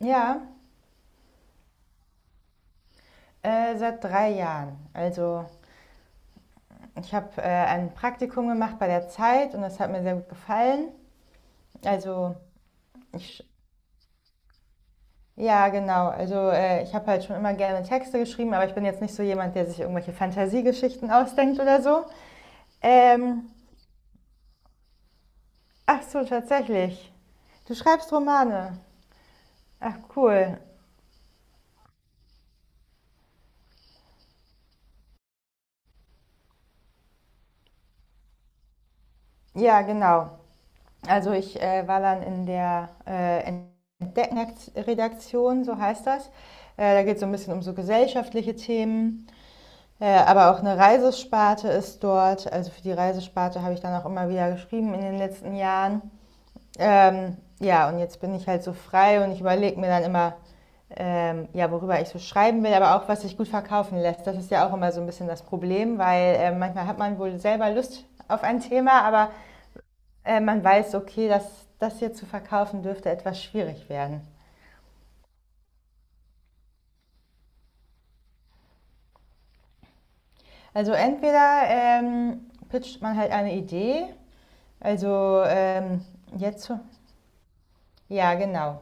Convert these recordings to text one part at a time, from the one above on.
Ja, seit 3 Jahren. Also ich habe ein Praktikum gemacht bei der Zeit, und das hat mir sehr gut gefallen. Also ich, ja, genau. Also ich habe halt schon immer gerne Texte geschrieben, aber ich bin jetzt nicht so jemand, der sich irgendwelche Fantasiegeschichten ausdenkt oder so. Ähm, Ach so, tatsächlich. Du schreibst Romane. Ach, cool. Ja, genau. Also ich war dann in der Redaktion, so heißt das. Da geht es so ein bisschen um so gesellschaftliche Themen, aber auch eine Reisesparte ist dort. Also für die Reisesparte habe ich dann auch immer wieder geschrieben in den letzten Jahren. Ja, und jetzt bin ich halt so frei, und ich überlege mir dann immer, ja, worüber ich so schreiben will, aber auch was sich gut verkaufen lässt. Das ist ja auch immer so ein bisschen das Problem, weil manchmal hat man wohl selber Lust auf ein Thema, aber man weiß, okay, dass das hier zu verkaufen dürfte etwas schwierig werden. Also entweder pitcht man halt eine Idee, also jetzt, so, ja, genau.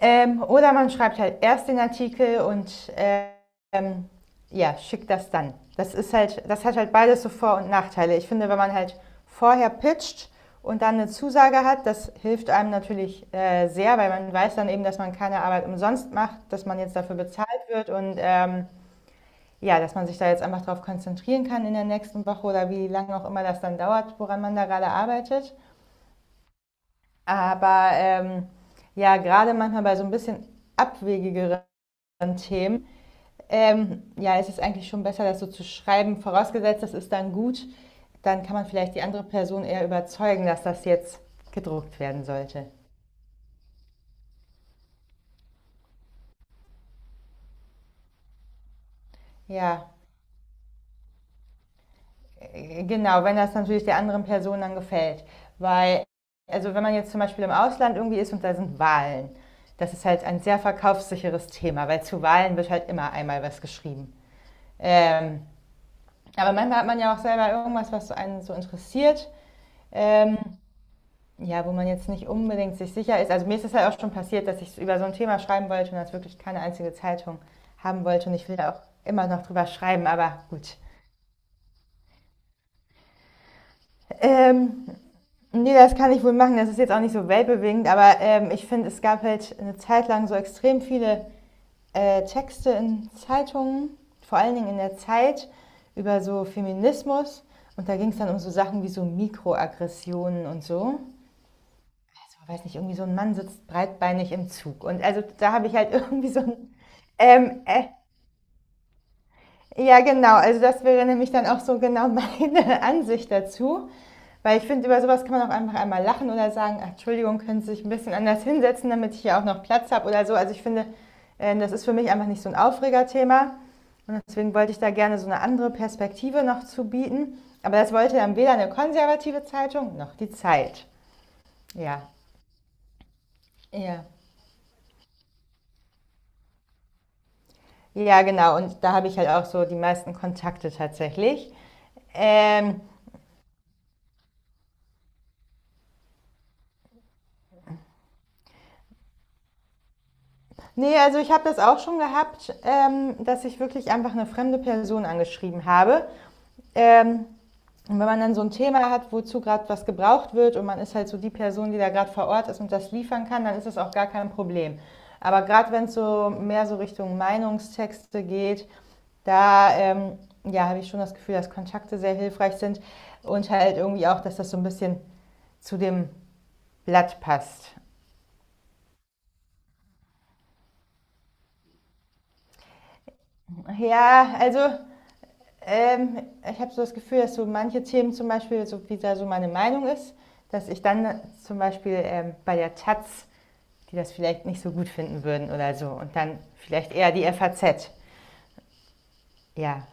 Oder man schreibt halt erst den Artikel und ja, schickt das dann. Das hat halt beides so Vor- und Nachteile. Ich finde, wenn man halt vorher pitcht und dann eine Zusage hat, das hilft einem natürlich sehr, weil man weiß dann eben, dass man keine Arbeit umsonst macht, dass man jetzt dafür bezahlt wird, und ja, dass man sich da jetzt einfach darauf konzentrieren kann in der nächsten Woche oder wie lange auch immer das dann dauert, woran man da gerade arbeitet. Aber ja, gerade manchmal bei so ein bisschen abwegigeren Themen. Ja, es ist eigentlich schon besser, das so zu schreiben. Vorausgesetzt, das ist dann gut, dann kann man vielleicht die andere Person eher überzeugen, dass das jetzt gedruckt werden sollte. Ja, genau, wenn das natürlich der anderen Person dann gefällt. Weil, also wenn man jetzt zum Beispiel im Ausland irgendwie ist und da sind Wahlen, das ist halt ein sehr verkaufssicheres Thema, weil zu Wahlen wird halt immer einmal was geschrieben. Ähm, aber manchmal hat man ja auch selber irgendwas, was einen so interessiert. Ähm, Ja, wo man jetzt nicht unbedingt sich sicher ist. Also mir ist es halt auch schon passiert, dass ich über so ein Thema schreiben wollte und das wirklich keine einzige Zeitung haben wollte. Und ich will da auch immer noch drüber schreiben, aber gut. Ähm, Nee, das kann ich wohl machen. Das ist jetzt auch nicht so weltbewegend, aber ich finde, es gab halt eine Zeit lang so extrem viele Texte in Zeitungen, vor allen Dingen in der Zeit, über so Feminismus. Und da ging es dann um so Sachen wie so Mikroaggressionen und so. Also, weiß nicht, irgendwie so ein Mann sitzt breitbeinig im Zug. Und also da habe ich halt irgendwie so ein, ähm, äh, ja, genau, also das wäre nämlich dann auch so genau meine Ansicht dazu. Weil ich finde, über sowas kann man auch einfach einmal lachen oder sagen: "Ach, Entschuldigung, können Sie sich ein bisschen anders hinsetzen, damit ich hier auch noch Platz habe", oder so. Also ich finde, das ist für mich einfach nicht so ein Aufregerthema. Und deswegen wollte ich da gerne so eine andere Perspektive noch zu bieten. Aber das wollte dann weder eine konservative Zeitung noch die Zeit. Ja, ja. Ja, genau. Und da habe ich halt auch so die meisten Kontakte tatsächlich. Ähm, Nee, also ich habe das auch schon gehabt, dass ich wirklich einfach eine fremde Person angeschrieben habe. Ähm, Und wenn man dann so ein Thema hat, wozu gerade was gebraucht wird und man ist halt so die Person, die da gerade vor Ort ist und das liefern kann, dann ist es auch gar kein Problem. Aber gerade wenn es so mehr so Richtung Meinungstexte geht, da ja, habe ich schon das Gefühl, dass Kontakte sehr hilfreich sind und halt irgendwie auch, dass das so ein bisschen zu dem Blatt passt. Ja, also, Ähm, ich habe so das Gefühl, dass so manche Themen zum Beispiel, so wie da so meine Meinung ist, dass ich dann zum Beispiel bei der Taz, die das vielleicht nicht so gut finden würden oder so, und dann vielleicht eher die FAZ. Ja,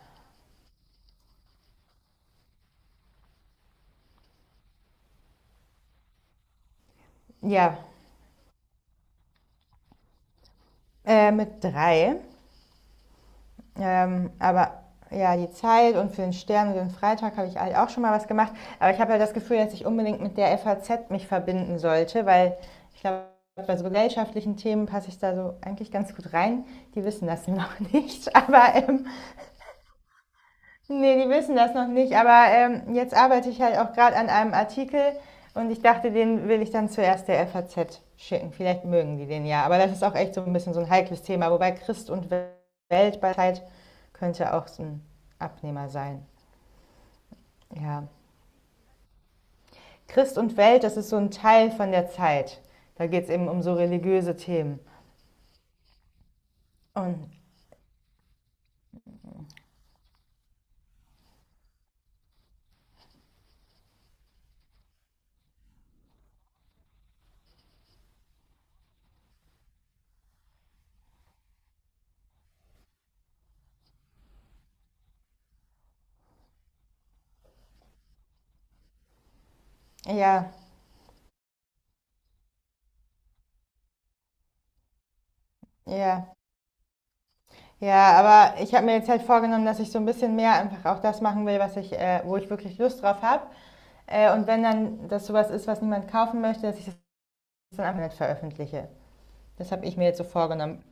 ja, mit drei. Aber ja, die Zeit und für den Stern und den Freitag habe ich halt auch schon mal was gemacht. Aber ich habe ja das Gefühl, dass ich unbedingt mit der FAZ mich verbinden sollte, weil ich glaube, bei so gesellschaftlichen Themen passe ich da so eigentlich ganz gut rein. Die wissen das noch nicht, aber ne, die wissen das noch nicht, aber jetzt arbeite ich halt auch gerade an einem Artikel, und ich dachte, den will ich dann zuerst der FAZ schicken. Vielleicht mögen die den ja, aber das ist auch echt so ein bisschen so ein heikles Thema, wobei Christ und Welt bei Zeit könnte auch so 'n Abnehmer sein, ja. Christ und Welt, das ist so ein Teil von der Zeit. Da geht's eben um so religiöse Themen, und ja, ja. Ja, aber ich habe mir jetzt halt vorgenommen, dass ich so ein bisschen mehr einfach auch das machen will, was ich, wo ich wirklich Lust drauf habe. Und wenn dann das sowas ist, was niemand kaufen möchte, dass ich das dann einfach nicht veröffentliche. Das habe ich mir jetzt so vorgenommen.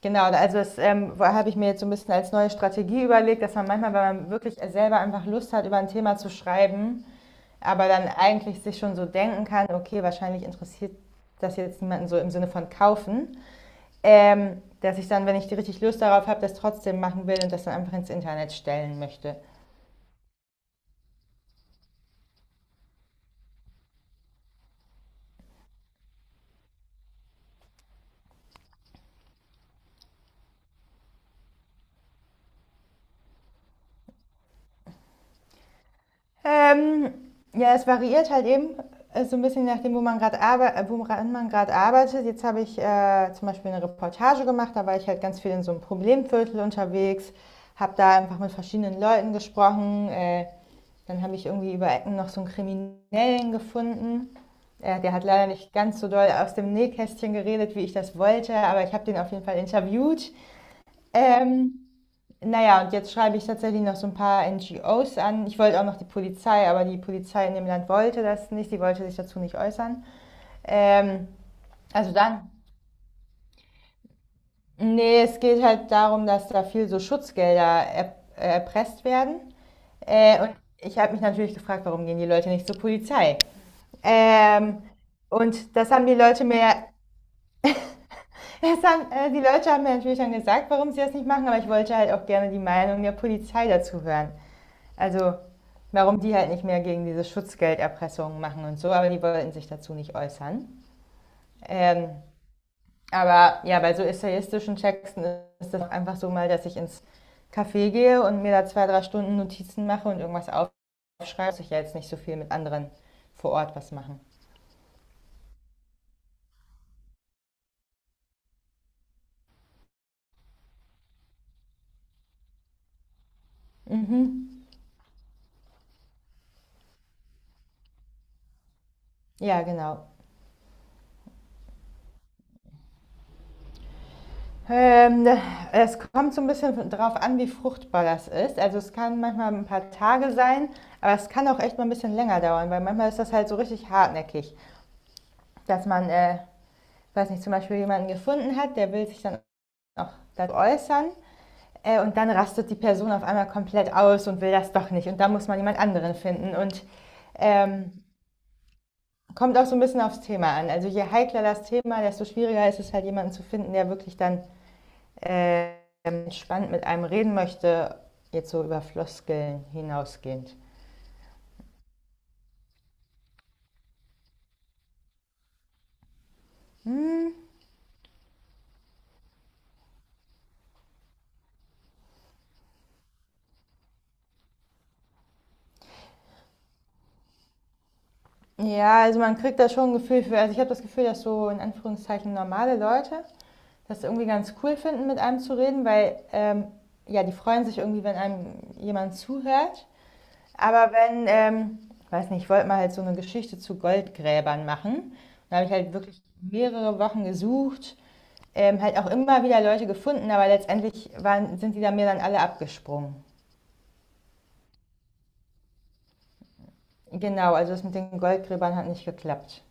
Genau, also das habe ich mir jetzt so ein bisschen als neue Strategie überlegt, dass man manchmal, wenn man wirklich selber einfach Lust hat, über ein Thema zu schreiben, aber dann eigentlich sich schon so denken kann, okay, wahrscheinlich interessiert das jetzt niemanden so im Sinne von kaufen. Dass ich dann, wenn ich richtig Lust darauf habe, das trotzdem machen will und das dann einfach ins Internet stellen möchte. Ähm, ja, es variiert halt eben so ein bisschen nachdem, wo man gerade woran man gerade arbeitet. Jetzt habe ich zum Beispiel eine Reportage gemacht, da war ich halt ganz viel in so einem Problemviertel unterwegs, habe da einfach mit verschiedenen Leuten gesprochen. Dann habe ich irgendwie über Ecken noch so einen Kriminellen gefunden. Der hat leider nicht ganz so doll aus dem Nähkästchen geredet, wie ich das wollte, aber ich habe den auf jeden Fall interviewt. Ähm, naja, und jetzt schreibe ich tatsächlich noch so ein paar NGOs an. Ich wollte auch noch die Polizei, aber die Polizei in dem Land wollte das nicht. Die wollte sich dazu nicht äußern. Ähm, also dann. Nee, es geht halt darum, dass da viel so Schutzgelder er erpresst werden. Und ich habe mich natürlich gefragt, warum gehen die Leute nicht zur Polizei? Ähm, und das haben die Leute mir, Die Leute haben mir natürlich dann gesagt, warum sie das nicht machen, aber ich wollte halt auch gerne die Meinung der Polizei dazu hören. Also warum die halt nicht mehr gegen diese Schutzgelderpressungen machen und so, aber die wollten sich dazu nicht äußern. Ähm, aber ja, bei so essayistischen Texten ist das einfach so mal, dass ich ins Café gehe und mir da 2, 3 Stunden Notizen mache und irgendwas aufschreibe. Muss ich ja jetzt nicht so viel mit anderen vor Ort was machen. Mhm. Ja, genau. Ähm, Es kommt so ein bisschen drauf an, wie fruchtbar das ist. Also es kann manchmal ein paar Tage sein, aber es kann auch echt mal ein bisschen länger dauern, weil manchmal ist das halt so richtig hartnäckig. Dass man, weiß nicht, zum Beispiel jemanden gefunden hat, der will sich dann auch dazu äußern, und dann rastet die Person auf einmal komplett aus und will das doch nicht, und da muss man jemand anderen finden, und ähm, kommt auch so ein bisschen aufs Thema an. Also je heikler das Thema, desto schwieriger ist es halt jemanden zu finden, der wirklich dann äh, spannend mit einem reden möchte, jetzt so über Floskeln hinausgehend. Hm, ja, also man kriegt da schon ein Gefühl für, also ich habe das Gefühl, dass so in Anführungszeichen normale Leute das irgendwie ganz cool finden, mit einem zu reden, weil ja, die freuen sich irgendwie, wenn einem jemand zuhört. Aber wenn, weiß nicht, ich wollte mal halt so eine Geschichte zu Goldgräbern machen. Da habe ich halt wirklich mehrere Wochen gesucht, halt auch immer wieder Leute gefunden, aber letztendlich sind die da mir dann alle abgesprungen. Genau, also das mit den Goldgräbern hat nicht geklappt.